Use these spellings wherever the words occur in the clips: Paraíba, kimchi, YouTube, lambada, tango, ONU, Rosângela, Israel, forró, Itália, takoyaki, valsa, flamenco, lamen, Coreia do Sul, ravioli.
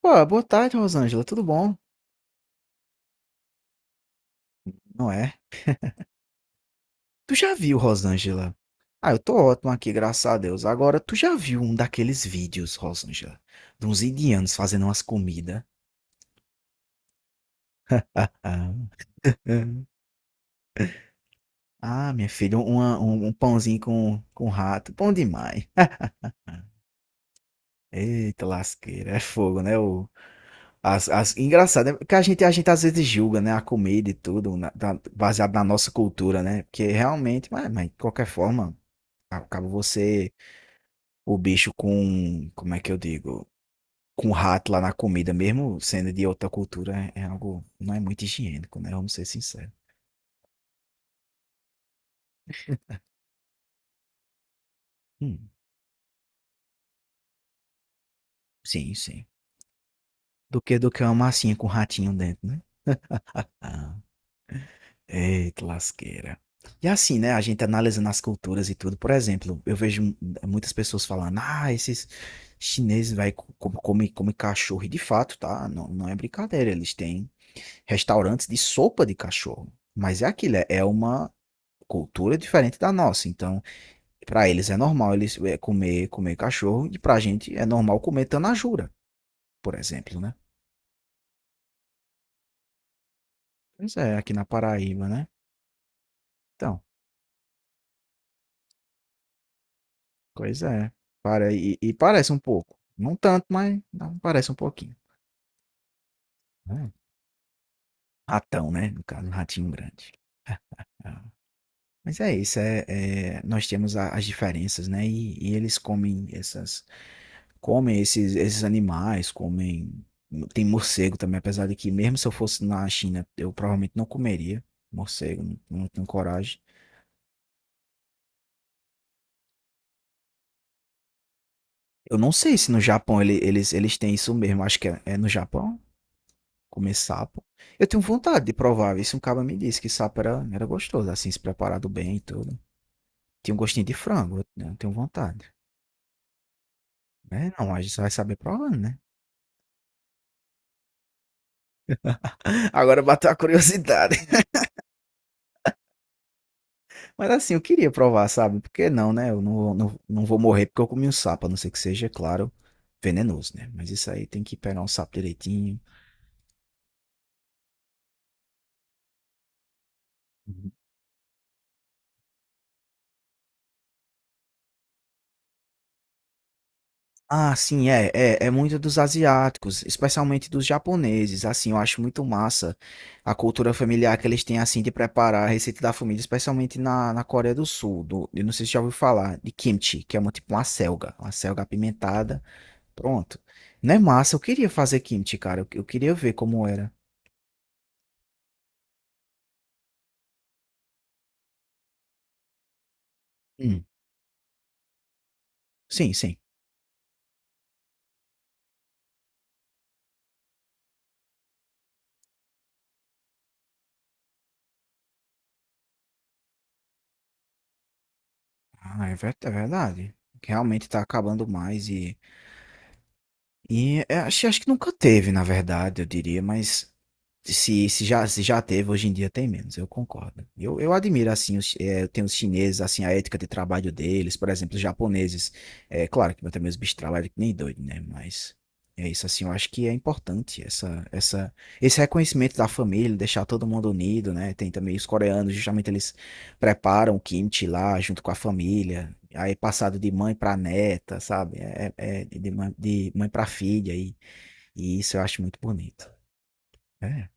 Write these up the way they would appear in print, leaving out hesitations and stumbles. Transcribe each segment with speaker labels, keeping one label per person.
Speaker 1: Pô, boa tarde, Rosângela, tudo bom? Não é? Tu já viu, Rosângela? Ah, eu tô ótimo aqui, graças a Deus. Agora, tu já viu um daqueles vídeos, Rosângela, de uns indianos fazendo umas comidas? Ah, é. Ah, minha filha, um pãozinho com rato, bom demais. Eita, lasqueira, é fogo, né? Engraçado, né? Porque a gente às vezes julga, né? A comida e tudo, baseado na nossa cultura, né? Porque realmente, mas de qualquer forma, acaba você o bicho com, como é que eu digo? Com rato lá na comida, mesmo sendo de outra cultura, é algo, não é muito higiênico, né? Vamos ser sinceros. Hum, sim, sim. Do que uma massinha com ratinho dentro, né? Ah, eita lasqueira. E assim, né? A gente analisando as culturas e tudo. Por exemplo, muitas pessoas falando, ah, esses chineses vai come cachorro. E de fato, tá? Não, é brincadeira. Eles têm restaurantes de sopa de cachorro. Mas é aquilo, é uma cultura diferente da nossa. Então, para eles é normal eles é, comer cachorro e para a gente é normal comer tanajura, por exemplo, né? Pois é, aqui na Paraíba, né? Então, coisa é. Para, e parece um pouco. Não tanto, mas não, parece um pouquinho. Né? Ratão, né? No caso, um ratinho grande. Ah, mas é isso, nós temos as diferenças, né? E eles comem essas, comem esses, esses animais, comem. Tem morcego também, apesar de que, mesmo se eu fosse na China, eu provavelmente não comeria morcego, não, não tenho coragem. Eu não sei se no Japão eles têm isso mesmo, acho que é, é no Japão, comer sapo. Eu tenho vontade de provar, isso um cara me disse que sapo era gostoso, assim, se preparado bem e tudo. Tinha um gostinho de frango, eu tenho vontade. É, não, a gente só vai saber provando, né? Agora bateu a curiosidade. Mas assim, eu queria provar, sabe? Porque não, né? Eu não vou morrer porque eu comi um sapo, a não ser que seja, claro, venenoso, né? Mas isso aí tem que pegar um sapo direitinho. Uhum. Ah, sim, é muito dos asiáticos, especialmente dos japoneses. Assim, eu acho muito massa a cultura familiar que eles têm, assim, de preparar a receita da família, especialmente na Coreia do Sul. Do, eu não sei se já ouviu falar de kimchi, que é uma, tipo uma selga apimentada. Pronto. Não é massa? Eu queria fazer kimchi, cara. Eu queria ver como era. Sim, sim. Ah, é verdade. Realmente tá acabando mais e é, acho que nunca teve, na verdade, eu diria, mas se, se já teve, hoje em dia tem menos, eu concordo. Eu admiro, assim, os, eu tenho os chineses, assim, a ética de trabalho deles, por exemplo, os japoneses. É claro que também os bichos trabalham que nem doido, né? Mas é isso, assim, eu acho que é importante esse reconhecimento da família, deixar todo mundo unido, né? Tem também os coreanos, justamente eles preparam o kimchi lá junto com a família, aí passado de mãe para neta, sabe? É, é de mãe para filha, e isso eu acho muito bonito. É,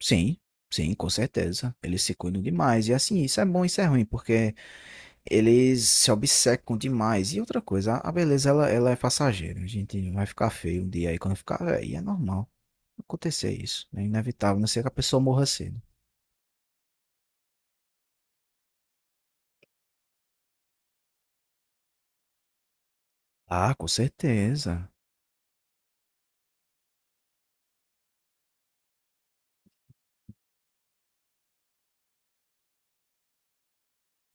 Speaker 1: sim, sim, com certeza. Eles se cuidam demais. E assim, isso é bom, isso é ruim, porque eles se obcecam demais. E outra coisa, a beleza, ela é passageira. A gente vai ficar feio um dia aí, quando ficar velho, é normal acontecer isso. É inevitável, a não ser que a pessoa morra cedo. Ah, com certeza.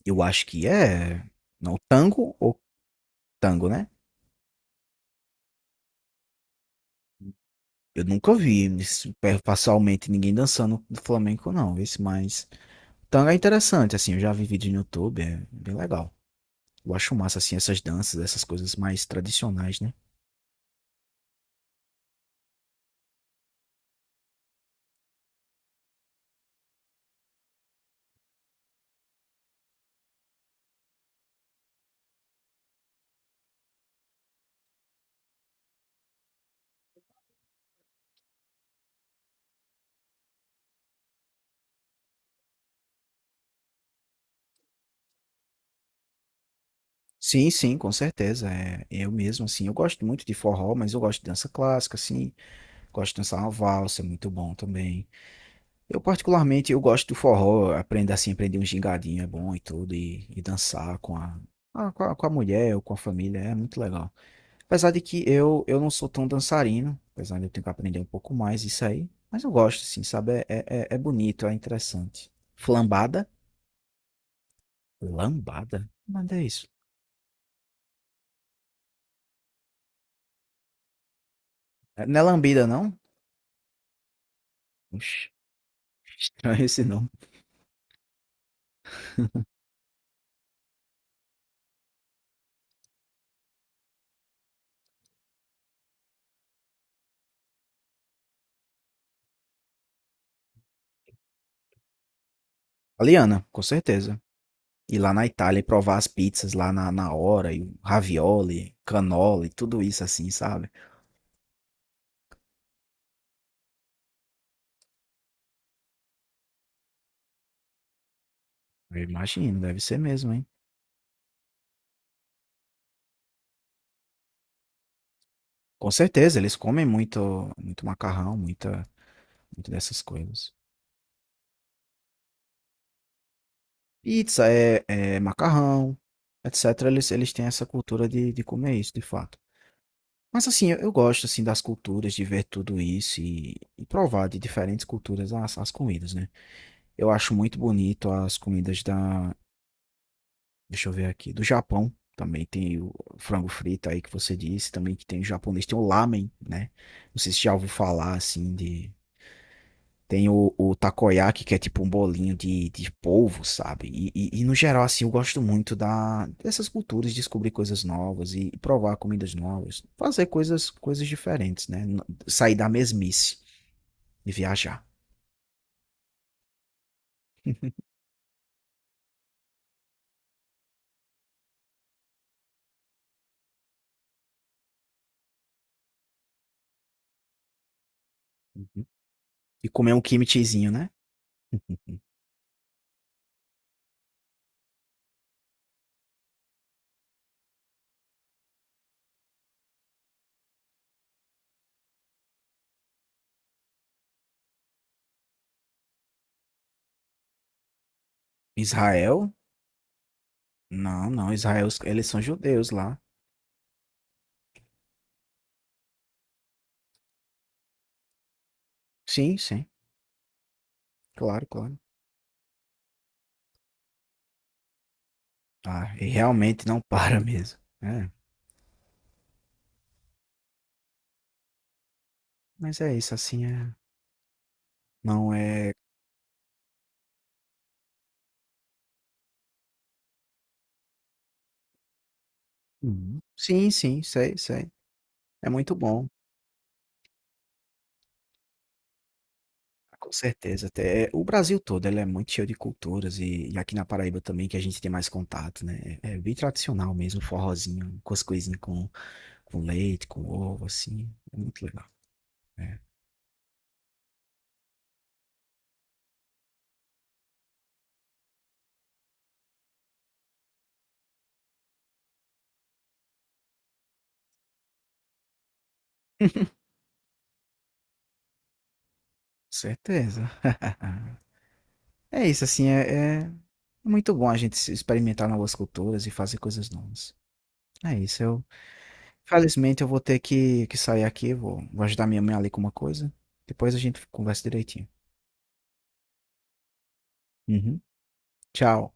Speaker 1: Eu acho que é. Não, tango, né? Eu nunca vi isso, é, pessoalmente ninguém dançando do flamenco, não. Esse, mas tango é interessante, assim. Eu já vi vídeo no YouTube, é bem legal. Eu acho massa, assim, essas danças, essas coisas mais tradicionais, né? Sim, sim, com certeza. É, eu mesmo, assim, eu gosto muito de forró, mas eu gosto de dança clássica, assim. Gosto de dançar uma valsa, é muito bom também. Eu, particularmente, eu gosto do forró, aprender um gingadinho é bom e tudo, e dançar com a, ah, com a mulher ou com a família, é muito legal. Apesar de que eu não sou tão dançarino, apesar de eu ter que aprender um pouco mais isso aí, mas eu gosto, assim, sabe? É bonito, é interessante. Flambada? Lambada? Nada é isso. É- Não é lambida, não? Oxi, não é esse não. Aliana, com certeza. Ir lá na Itália e provar as pizzas lá na hora, e o ravioli, canola e tudo isso assim, sabe? Eu imagino. Deve ser mesmo, hein? Com certeza, eles comem muito, muito macarrão, muita, muito dessas coisas. Pizza é macarrão, etc. Eles têm essa cultura de comer isso, de fato. Mas assim, eu gosto assim das culturas, de ver tudo isso e provar de diferentes culturas as, as comidas, né? Eu acho muito bonito as comidas da, deixa eu ver aqui, do Japão. Também tem o frango frito aí que você disse, também que tem o japonês, tem o lamen, né? Não sei se já ouviu falar assim de tem o takoyaki, que é tipo um bolinho de polvo, sabe? No geral, assim, eu gosto muito da, dessas culturas, descobrir coisas novas e, provar comidas novas, fazer coisas, coisas diferentes, né? Sair da mesmice e viajar. Uhum. E comer um kimchizinho, né? Uhum. Israel? Não, não, Israel, eles são judeus lá. Sim, sim, claro, claro. Ah, e realmente não para mesmo. É, mas é isso, assim, é, não é. Uhum. Sim, sim, sei, sei. É muito bom, com certeza. Até o Brasil todo, ele é muito cheio de culturas e aqui na Paraíba também que a gente tem mais contato, né? É bem tradicional mesmo, forrozinho, com as coisinhas com leite, com ovo, assim. É muito legal. É, com certeza. É isso, assim, é muito bom a gente se experimentar novas culturas e fazer coisas novas. É isso, eu... Felizmente eu vou ter que sair aqui, vou, vou ajudar minha mãe ali com uma coisa. Depois a gente conversa direitinho. Uhum. Tchau.